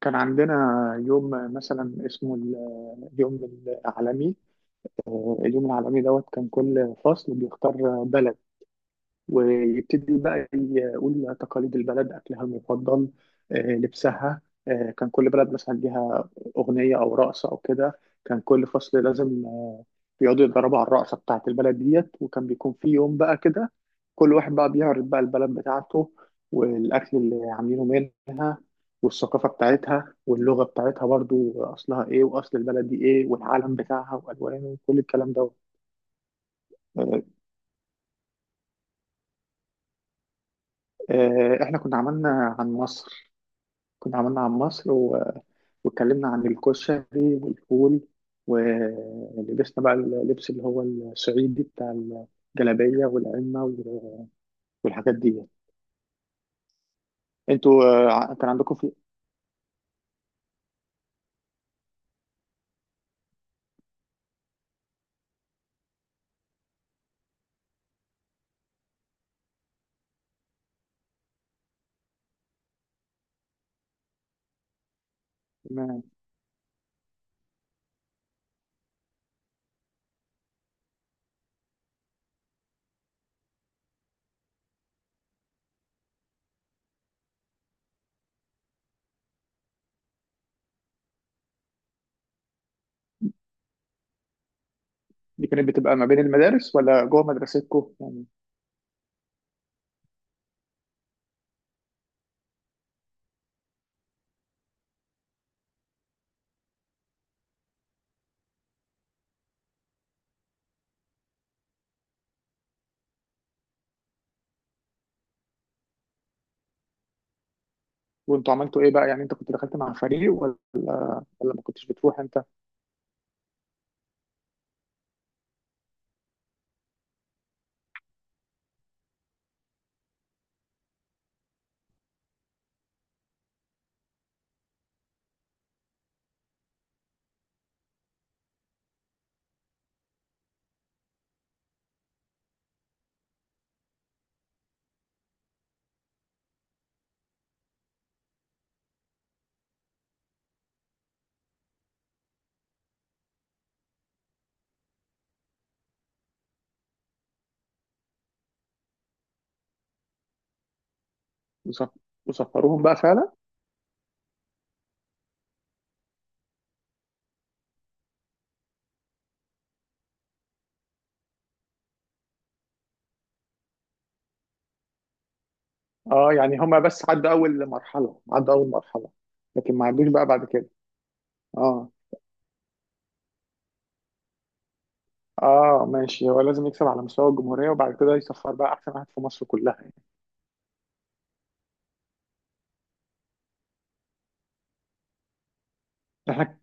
كان عندنا يوم مثلا اسمه اليوم العالمي. دوت كان كل فصل بيختار بلد ويبتدي بقى يقول تقاليد البلد، أكلها المفضل، لبسها. كان كل بلد مثلا ليها أغنية أو رقصة أو كده. كان كل فصل لازم بيقعدوا يتدربوا على الرقصة بتاعة البلد ديت، وكان بيكون في يوم بقى كده كل واحد بقى بيعرض بقى البلد بتاعته والأكل اللي عاملينه منها والثقافة بتاعتها واللغة بتاعتها برضو أصلها إيه، وأصل البلد دي إيه، والعالم بتاعها وألوانه وكل الكلام ده. آه، إحنا كنا عملنا عن مصر. كنا عملنا عن مصر واتكلمنا عن الكشري والفول، ولبسنا بقى اللبس اللي هو الصعيدي بتاع الجلابية والعمة والحاجات دي. انتوا آه، ع- كان عندكم في ما- دي كانت بتبقى ما بين المدارس ولا جوه مدرستكم يعني؟ وانتوا عملتوا ايه بقى؟ يعني انت كنت دخلت مع فريق ولا ما كنتش بتروح انت؟ وسف- وسفروهم بقى فعلا؟ اه، يعني هما بس عدوا اول مرحلة، لكن ما عدوش بقى بعد كده. اه، اه، ماشي. هو لازم يكسب على مستوى الجمهورية وبعد كده يصفر بقى احسن واحد في مصر كلها يعني. احنا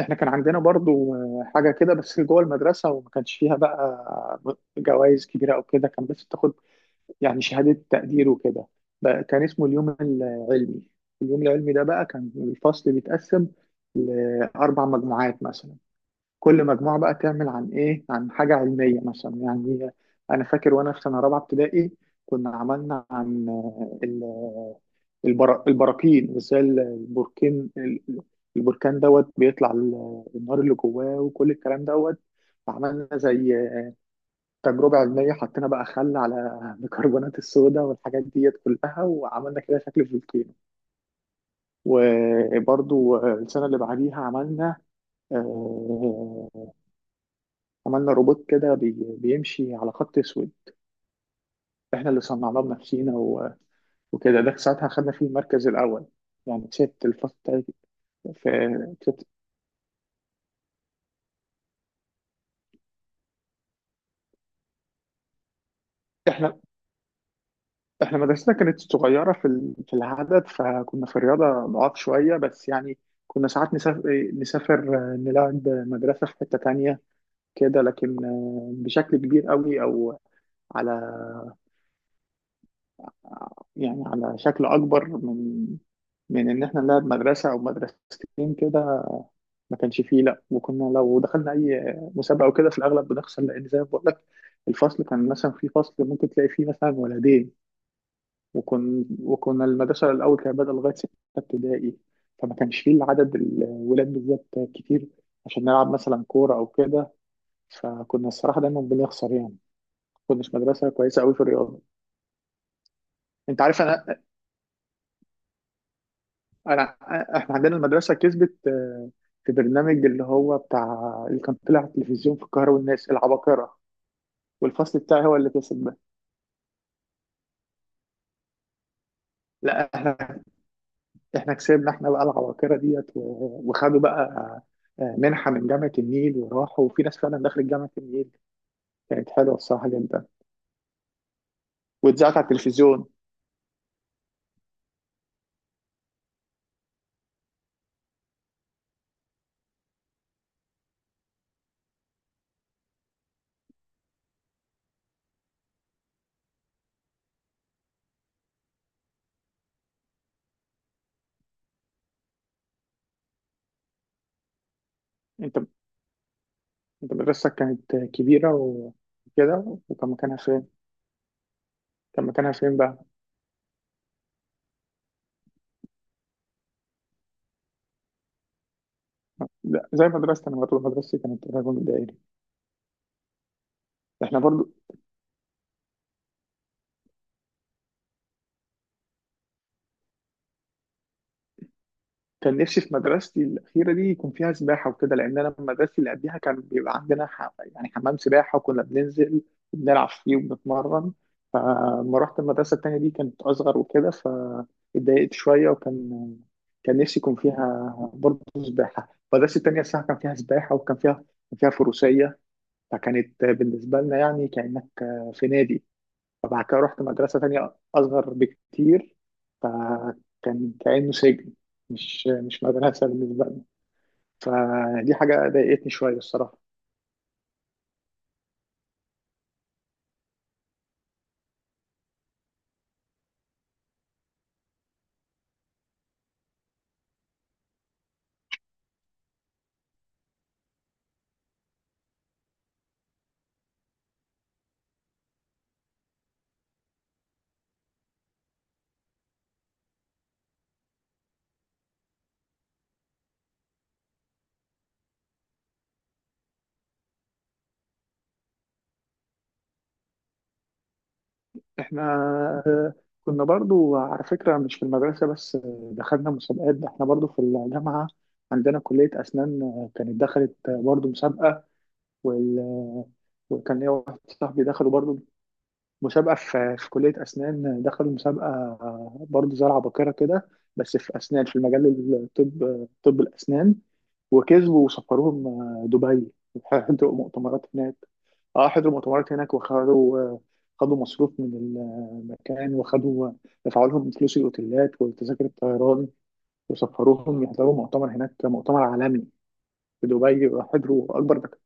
احنا كان عندنا برضو حاجة كده بس جوه المدرسة، وما كانش فيها بقى جوائز كبيرة او كده. كان بس بتاخد يعني شهادة تقدير وكده. بقى كان اسمه اليوم العلمي. اليوم العلمي ده بقى كان الفصل بيتقسم لأربع مجموعات مثلا، كل مجموعة بقى تعمل عن إيه؟ عن حاجة علمية مثلا يعني. أنا فاكر وأنا في سنة رابعة ابتدائي كنا عملنا عن البراكين، وإزاي البركان دوت بيطلع النار اللي جواه وكل الكلام دوت. عملنا زي تجربة علمية، حطينا بقى خل على بيكربونات الصودا والحاجات ديت كلها، وعملنا كده شكل فولكينو. وبرضو السنة اللي بعديها آه، عملنا روبوت كده بيمشي على خط اسود، احنا اللي صنعناه بنفسينا وكده. ده ساعتها خدنا فيه المركز الاول، يعني كسبت الفصل بتاعي. في كسبت احنا احنا مدرستنا كانت صغيره في العدد، فكنا في الرياضه ضعاف شويه بس يعني. كنا ساعات نسافر نلعب مدرسه في حته تانية كده، لكن بشكل كبير قوي، او على على شكل اكبر من ان احنا نلعب مدرسه او مدرستين كده، ما كانش فيه، لا. وكنا لو دخلنا اي مسابقه او كده، في الاغلب بنخسر، لان زي ما بقول لك الفصل كان مثلا. في فصل ممكن تلاقي فيه مثلا ولدين. وكنا المدرسه الاول كانت بادئه لغايه سته ابتدائي، فما كانش فيه العدد، الولاد بالذات كتير عشان نلعب مثلا كوره او كده، فكنا الصراحه دايما بنخسر يعني. ما كناش مدرسه كويسه قوي في الرياضه. انت عارف، انا انا احنا عندنا المدرسه كسبت في برنامج اللي هو بتاع اللي كان طلع على التلفزيون في القاهره والناس العباقره، والفصل بتاعي هو اللي كسب ده. لا، احنا كسبنا احنا بقى العباقره ديت وخدوا بقى منحه من جامعه النيل، وراحوا وفي ناس فعلا دخلت جامعه النيل. كانت حلوه الصراحه جدا، واتذاعت على التلفزيون. انت انت مدرستك كانت كبيره وكده، وكان مكانها فين؟ كان مكانها فين بقى؟ لا، زي مدرستي. انا برضه مدرستي كانت قريبه من الدائري. احنا برضو كان نفسي في مدرستي الأخيرة دي يكون فيها سباحة وكده، لأن أنا مدرستي اللي قبليها كان بيبقى عندنا يعني حمام سباحة وكنا بننزل وبنلعب فيه وبنتمرن. فلما رحت المدرسة التانية دي كانت أصغر وكده، فاتضايقت شوية، وكان نفسي يكون فيها برضه سباحة. المدرسة التانية الصراحة كان فيها سباحة، وكان فيها فروسية. فكانت بالنسبة لنا يعني كأنك في نادي. فبعد كده رحت مدرسة تانية أصغر بكتير، فكان كأنه سجن، مش مدرسة بالنسبة لنا. فدي حاجة ضايقتني شوية الصراحة. إحنا آه، كنا برضو على فكرة مش في المدرسة بس، دخلنا مسابقات. ده إحنا برضو في الجامعة عندنا كلية أسنان، كانت دخلت برضو مسابقة، وال- وكان ليا واحد صاحبي دخلوا برضو مسابقة في كلية أسنان. دخلوا مسابقة برضه زي العباقرة كده، بس في أسنان، في المجال طب الأسنان، وكسبوا وسفروهم دبي وحضروا مؤتمرات هناك. اه، حضروا مؤتمرات هناك، وخدوا آه، خدوا مصروف من المكان، دفعوا لهم فلوس الأوتيلات وتذاكر الطيران، وسفروهم يحضروا مؤتمر هناك، مؤتمر عالمي في دبي،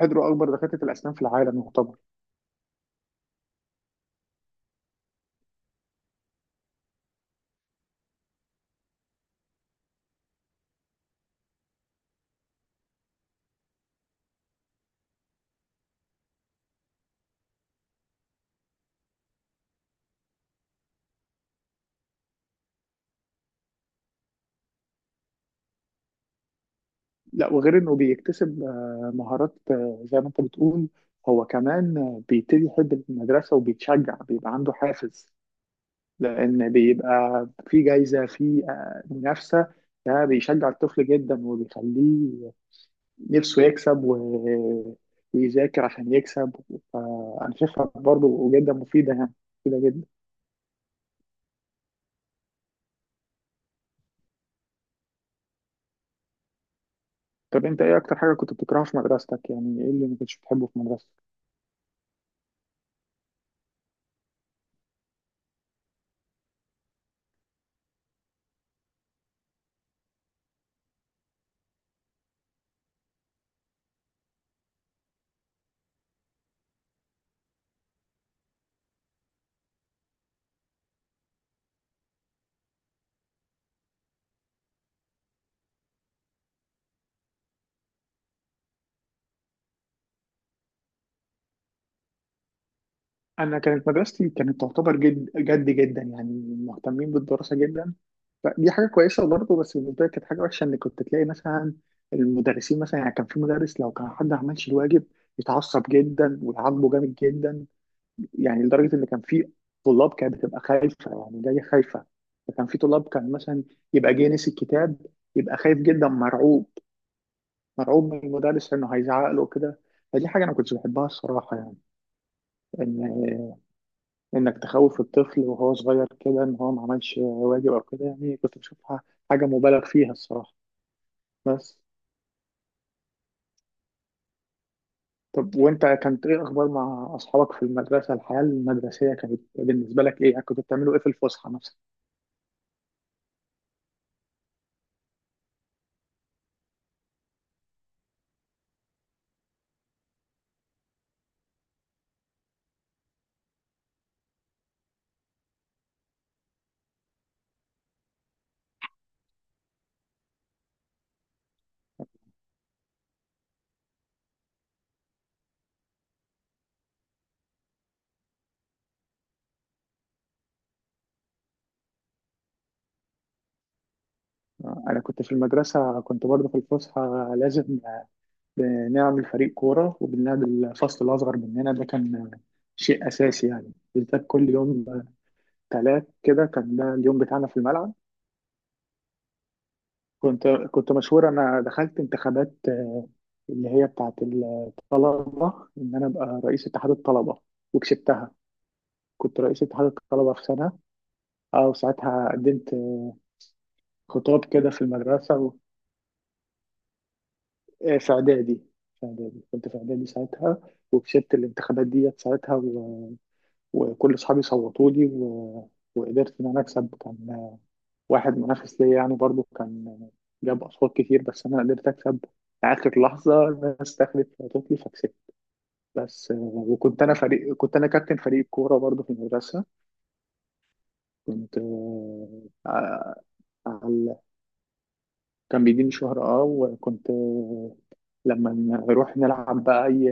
حضروا أكبر دكاترة الأسنان في العالم يعتبر. لا، وغير انه بيكتسب مهارات زي ما انت بتقول، هو كمان بيبتدي يحب المدرسة وبيتشجع، بيبقى عنده حافز، لأن بيبقى في جايزة، في منافسة. ده بيشجع الطفل جدا وبيخليه نفسه يكسب ويذاكر عشان يكسب. فأنا شايفها برضه جدا مفيدة يعني، مفيدة جدا. طب أنت إيه أكتر حاجة كنت بتكرهها في مدرستك؟ يعني إيه اللي ما كنتش بتحبه في مدرستك؟ انا كانت مدرستي كانت تعتبر جد جد جدا يعني مهتمين بالدراسه جدا. فدي حاجه كويسه برضه، بس بالنسبه لي كانت حاجه وحشه ان كنت تلاقي مثلا المدرسين مثلا. يعني كان في مدرس لو كان حد ما عملش الواجب يتعصب جدا ويعاقبه جامد جدا، يعني لدرجه ان كان في طلاب كانت بتبقى خايفه، يعني جايه خايفه. فكان في طلاب كان مثلا يبقى جاي نسي الكتاب، يبقى خايف جدا، مرعوب، مرعوب من المدرس انه هيزعق له كده. فدي حاجه انا ما كنتش بحبها الصراحه، يعني انك تخوف الطفل وهو صغير كده ان هو ما عملش واجب او كده، يعني كنت بشوفها حاجه مبالغ فيها الصراحه بس. طب وانت كانت ايه اخبار مع اصحابك في المدرسه؟ الحياه المدرسيه كانت بالنسبه لك ايه؟ يعني كنتوا بتعملوا ايه في الفسحه مثلا؟ انا كنت في المدرسه، كنت برضه في الفسحه لازم بنعمل فريق كوره وبنلعب الفصل الاصغر مننا، ده كان شيء اساسي يعني، بالذات كل يوم ثلاث كده كان ده اليوم بتاعنا في الملعب. كنت مشهور. انا دخلت انتخابات اللي هي بتاعت الطلبه، ان انا ابقى رئيس اتحاد الطلبه وكسبتها. كنت رئيس اتحاد الطلبه في سنه. اه، وساعتها قدمت خطاب كده في المدرسه في اعدادي. كنت في اعدادي ساعتها. وكسبت الانتخابات ديت ساعتها وكل اصحابي صوتوا لي وقدرت ان انا اكسب. كان واحد منافس ليا يعني برضو، كان جاب اصوات كتير بس انا قدرت اكسب اخر لحظه، الناس دخلت وقتت لي فكسبت. بس آه، وكنت انا فريق كنت انا كابتن فريق الكوره برضه في المدرسه. كنت آه، ع- على كان بيديني شهرة اه. وكنت لما نروح نلعب بقى اي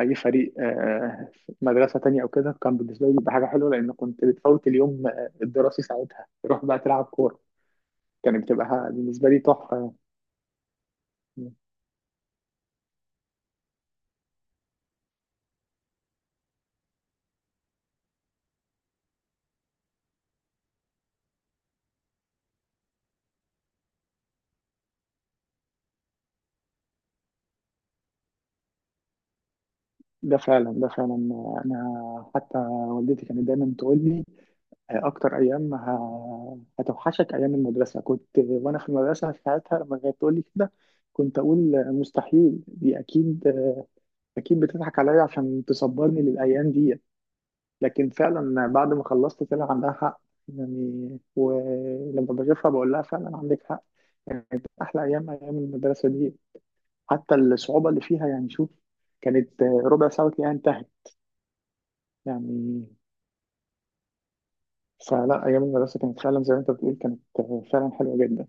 اي فريق في مدرسه تانية او كده، كان بالنسبه لي بيبقى حاجه حلوه لان كنت بتفوت اليوم الدراسي ساعتها، تروح بقى تلعب كوره. كانت بتبقى بالنسبه لي تحفه. ده فعلا، ده فعلا. انا حتى والدتي كانت دايما تقول لي اكتر ايام هتوحشك ايام المدرسه. كنت وانا في المدرسه ساعتها لما كانت تقول لي كده كنت اقول مستحيل. دي اكيد، اكيد بتضحك عليا عشان تصبرني للايام دي. لكن فعلا بعد ما خلصت طلع عندها حق يعني. ولما بشوفها بقول لها فعلا عندك حق. كانت احلى ايام، ايام المدرسه دي، حتى الصعوبه اللي فيها، يعني شوف، كانت ربع ساعه وتلاقيها انتهت يعني. فلا، ايام المدرسه كانت فعلا زي ما انت بتقول، كانت فعلا حلوه جدا.